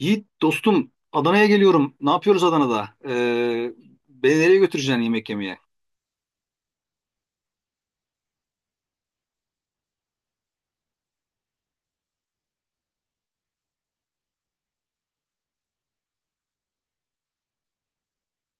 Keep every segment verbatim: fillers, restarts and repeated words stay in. Yiğit dostum, Adana'ya geliyorum. Ne yapıyoruz Adana'da? Ee, beni nereye götüreceksin yemek yemeye?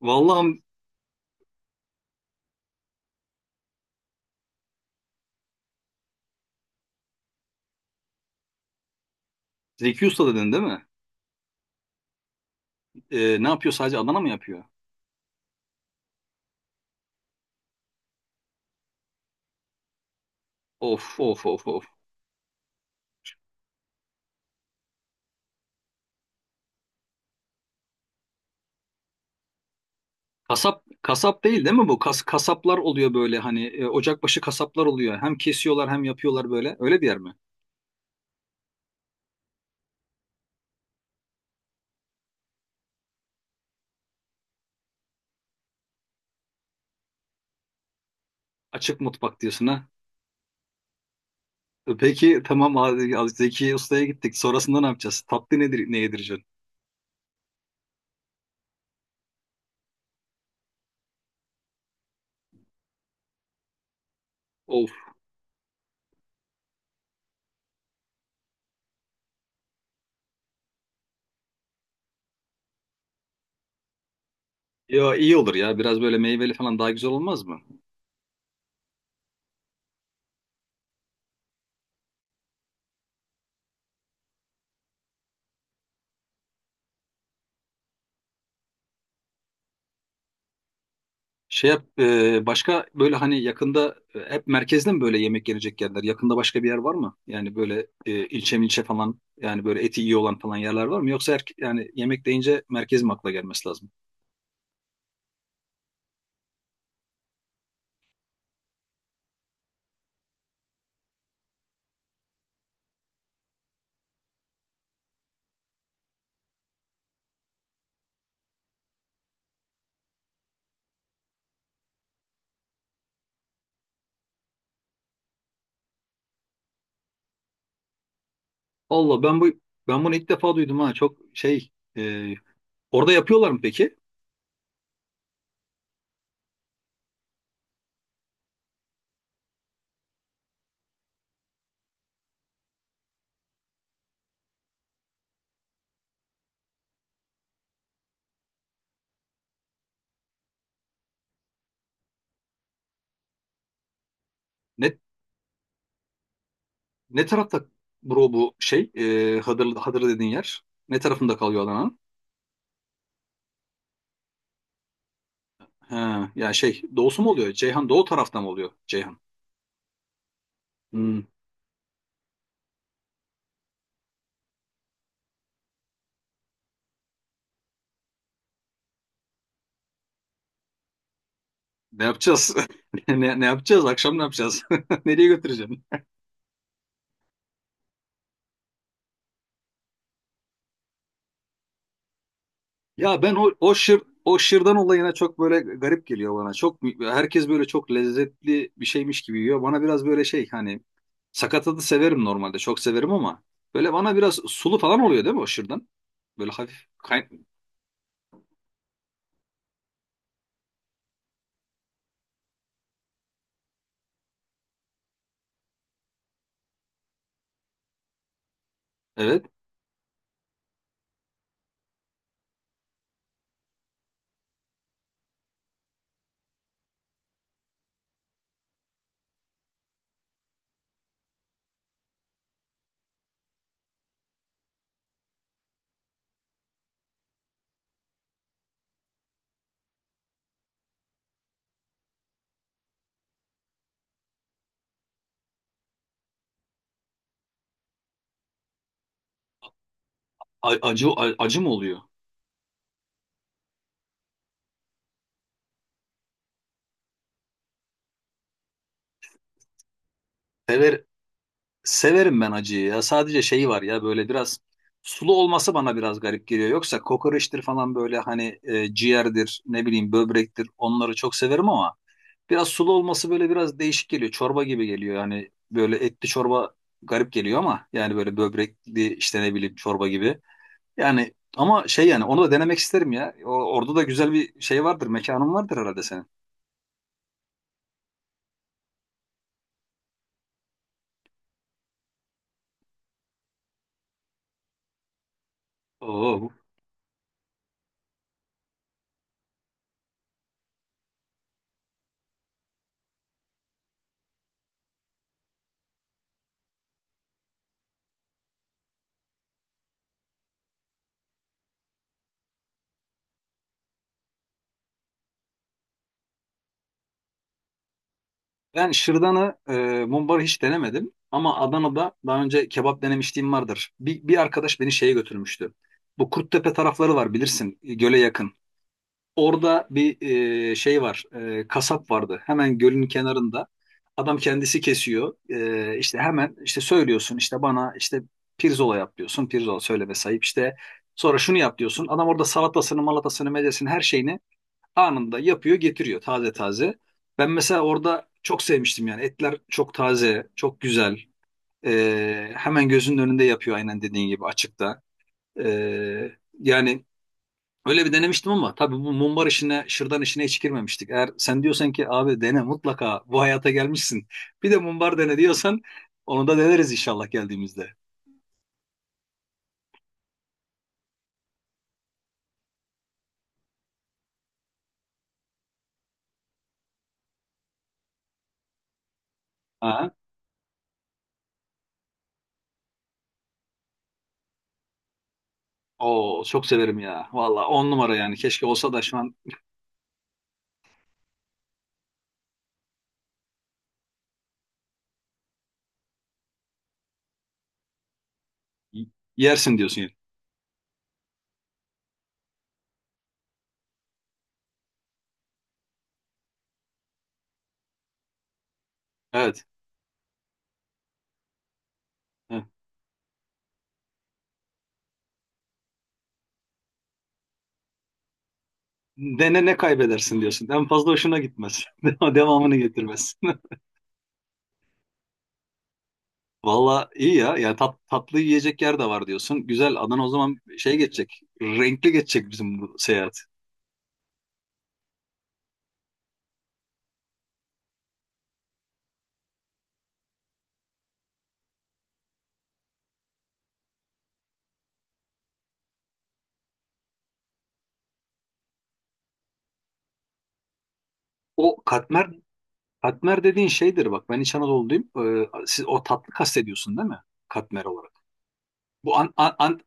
Vallahi Zeki Usta dedin değil mi? Ee, ne yapıyor, sadece Adana mı yapıyor? Of of of of. Kasap kasap değil değil mi bu? Kas, kasaplar oluyor böyle, hani e, ocakbaşı kasaplar oluyor. Hem kesiyorlar hem yapıyorlar böyle. Öyle bir yer mi? Açık mutfak diyorsun, ha. E, Peki tamam abi, Zeki Usta'ya gittik. Sonrasında ne yapacağız? Tatlı nedir, ne yedireceksin? Of. Ya iyi olur ya. Biraz böyle meyveli falan daha güzel olmaz mı? Şey yap, e, başka böyle hani yakında e, hep merkezde mi böyle yemek yenecek yerler? Yakında başka bir yer var mı? Yani böyle e, ilçe milçe falan, yani böyle eti iyi olan falan yerler var mı? Yoksa erke- yani yemek deyince merkez mi akla gelmesi lazım? Allah, ben bu ben bunu ilk defa duydum ha, çok şey, e, orada yapıyorlar mı peki? Ne ne tarafta bro, bu şey, e, Hadırlı, Hadırlı dediğin yer? Ne tarafında kalıyor Adana'nın? Ha, yani şey, doğusu mu oluyor? Ceyhan doğu tarafta mı oluyor Ceyhan? Hmm. Ne yapacağız? Ne, ne yapacağız? Akşam ne yapacağız? Nereye götüreceğim? Ya ben o, o şır o şırdan olayına çok böyle garip geliyor bana. Çok, herkes böyle çok lezzetli bir şeymiş gibi yiyor. Bana biraz böyle şey, hani sakatadı severim normalde. Çok severim ama böyle bana biraz sulu falan oluyor, değil mi o şırdan? Böyle hafif kay-. Evet. A- acı a- acı mı oluyor? Sever, Severim ben acıyı ya. Sadece şeyi var ya, böyle biraz sulu olması bana biraz garip geliyor. Yoksa kokoreçtir falan, böyle hani e, ciğerdir, ne bileyim böbrektir. Onları çok severim ama biraz sulu olması böyle biraz değişik geliyor. Çorba gibi geliyor. Yani böyle etli çorba, garip geliyor ama yani böyle böbrekli işte ne bileyim, çorba gibi. Yani ama şey, yani onu da denemek isterim ya. O- orada da güzel bir şey vardır, mekanın vardır herhalde senin. Oo, ben şırdanı, e, mumbarı hiç denemedim. Ama Adana'da daha önce kebap denemişliğim vardır. Bir, bir arkadaş beni şeye götürmüştü. Bu Kurttepe tarafları var bilirsin, göle yakın. Orada bir e, şey var, e, kasap vardı. Hemen gölün kenarında. Adam kendisi kesiyor. E, işte hemen işte söylüyorsun işte bana işte pirzola yap diyorsun. Pirzola söyleme sahip işte. Sonra şunu yap diyorsun. Adam orada salatasını, malatasını, mezesini, her şeyini anında yapıyor, getiriyor taze taze. Ben mesela orada çok sevmiştim, yani etler çok taze, çok güzel. Ee, hemen gözünün önünde yapıyor aynen dediğin gibi, açıkta. Ee, yani öyle bir denemiştim ama tabii bu mumbar işine, şırdan işine hiç girmemiştik. Eğer sen diyorsan ki abi dene mutlaka, bu hayata gelmişsin bir de mumbar dene diyorsan, onu da deneriz inşallah geldiğimizde. Aha. Oo, çok severim ya. Valla on numara yani. Keşke olsa da şu an. y- Yersin diyorsun yani. Evet. Evet. Dene, ne kaybedersin diyorsun. En fazla hoşuna gitmez. Devamını getirmez. Valla iyi ya. Yani tat, tatlı yiyecek yer de var diyorsun. Güzel. Adana o zaman şey geçecek. Renkli geçecek bizim bu seyahat. O katmer katmer dediğin şeydir bak. Ben İç Anadolu'luyum. Ee, siz o tatlı kastediyorsun değil mi? Katmer olarak. Bu An- An- An-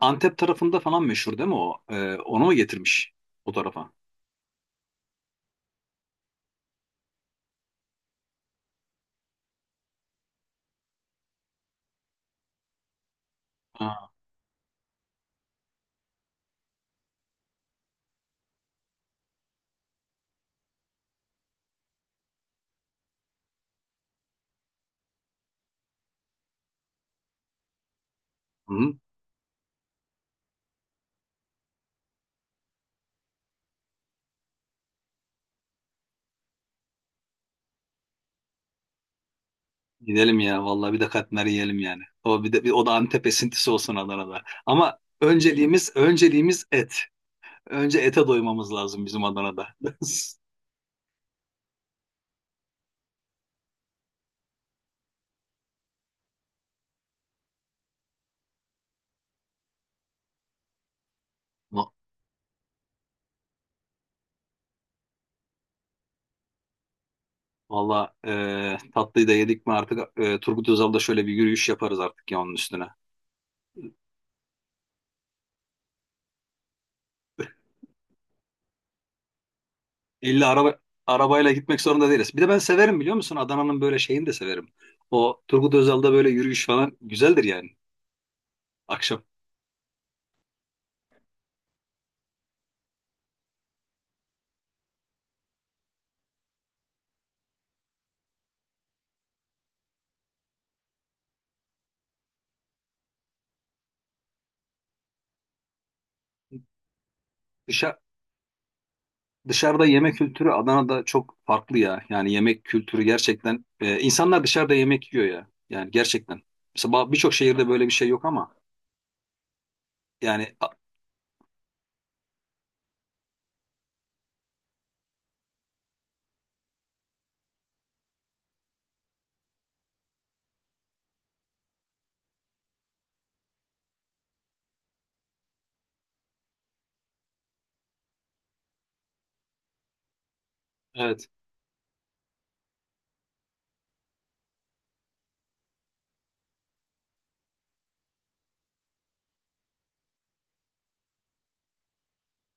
Antep tarafında falan meşhur değil mi o? Ee, onu mu getirmiş o tarafa? Ha. Hı. Gidelim ya vallahi, bir de katmer yiyelim yani. O bir de, bir o da Antep esintisi olsun Adana'da. Ama önceliğimiz önceliğimiz et. Önce ete doymamız lazım bizim Adana'da. Va- Vallahi e, tatlıyı da yedik mi artık, e, Turgut Özal'da şöyle bir yürüyüş yaparız artık ya onun üstüne. İlla araba Arabayla gitmek zorunda değiliz. Bir de ben severim, biliyor musun? Adana'nın böyle şeyini de severim. O Turgut Özal'da böyle yürüyüş falan güzeldir yani akşam. Dışa- Dışarıda yemek kültürü Adana'da çok farklı ya. Yani yemek kültürü gerçekten, e, insanlar dışarıda yemek yiyor ya. Yani gerçekten. Mesela ba- birçok şehirde böyle bir şey yok ama yani a- evet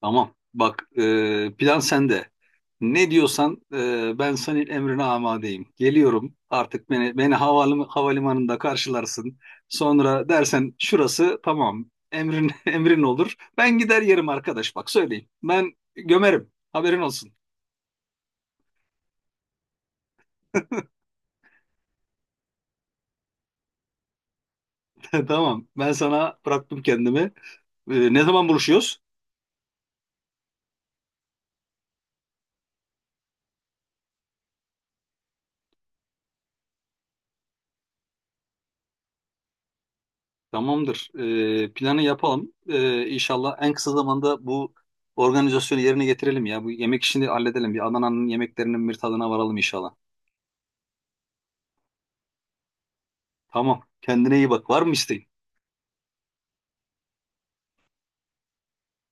tamam. Bak, e, plan sende. Ne diyorsan, e, ben senin emrine amadeyim. Geliyorum artık, beni beni havalim, havalimanında karşılarsın. Sonra dersen şurası tamam. Emrin emrin olur. Ben gider yerim arkadaş, bak söyleyeyim. Ben gömerim. Haberin olsun. Tamam. Ben sana bıraktım kendimi. Ee, ne zaman buluşuyoruz? Tamamdır. Ee, planı yapalım. Ee, inşallah en kısa zamanda bu organizasyonu yerine getirelim ya. Bu yemek işini halledelim. Bir Adana'nın yemeklerinin bir tadına varalım inşallah. Tamam. Kendine iyi bak. Var mı isteğin?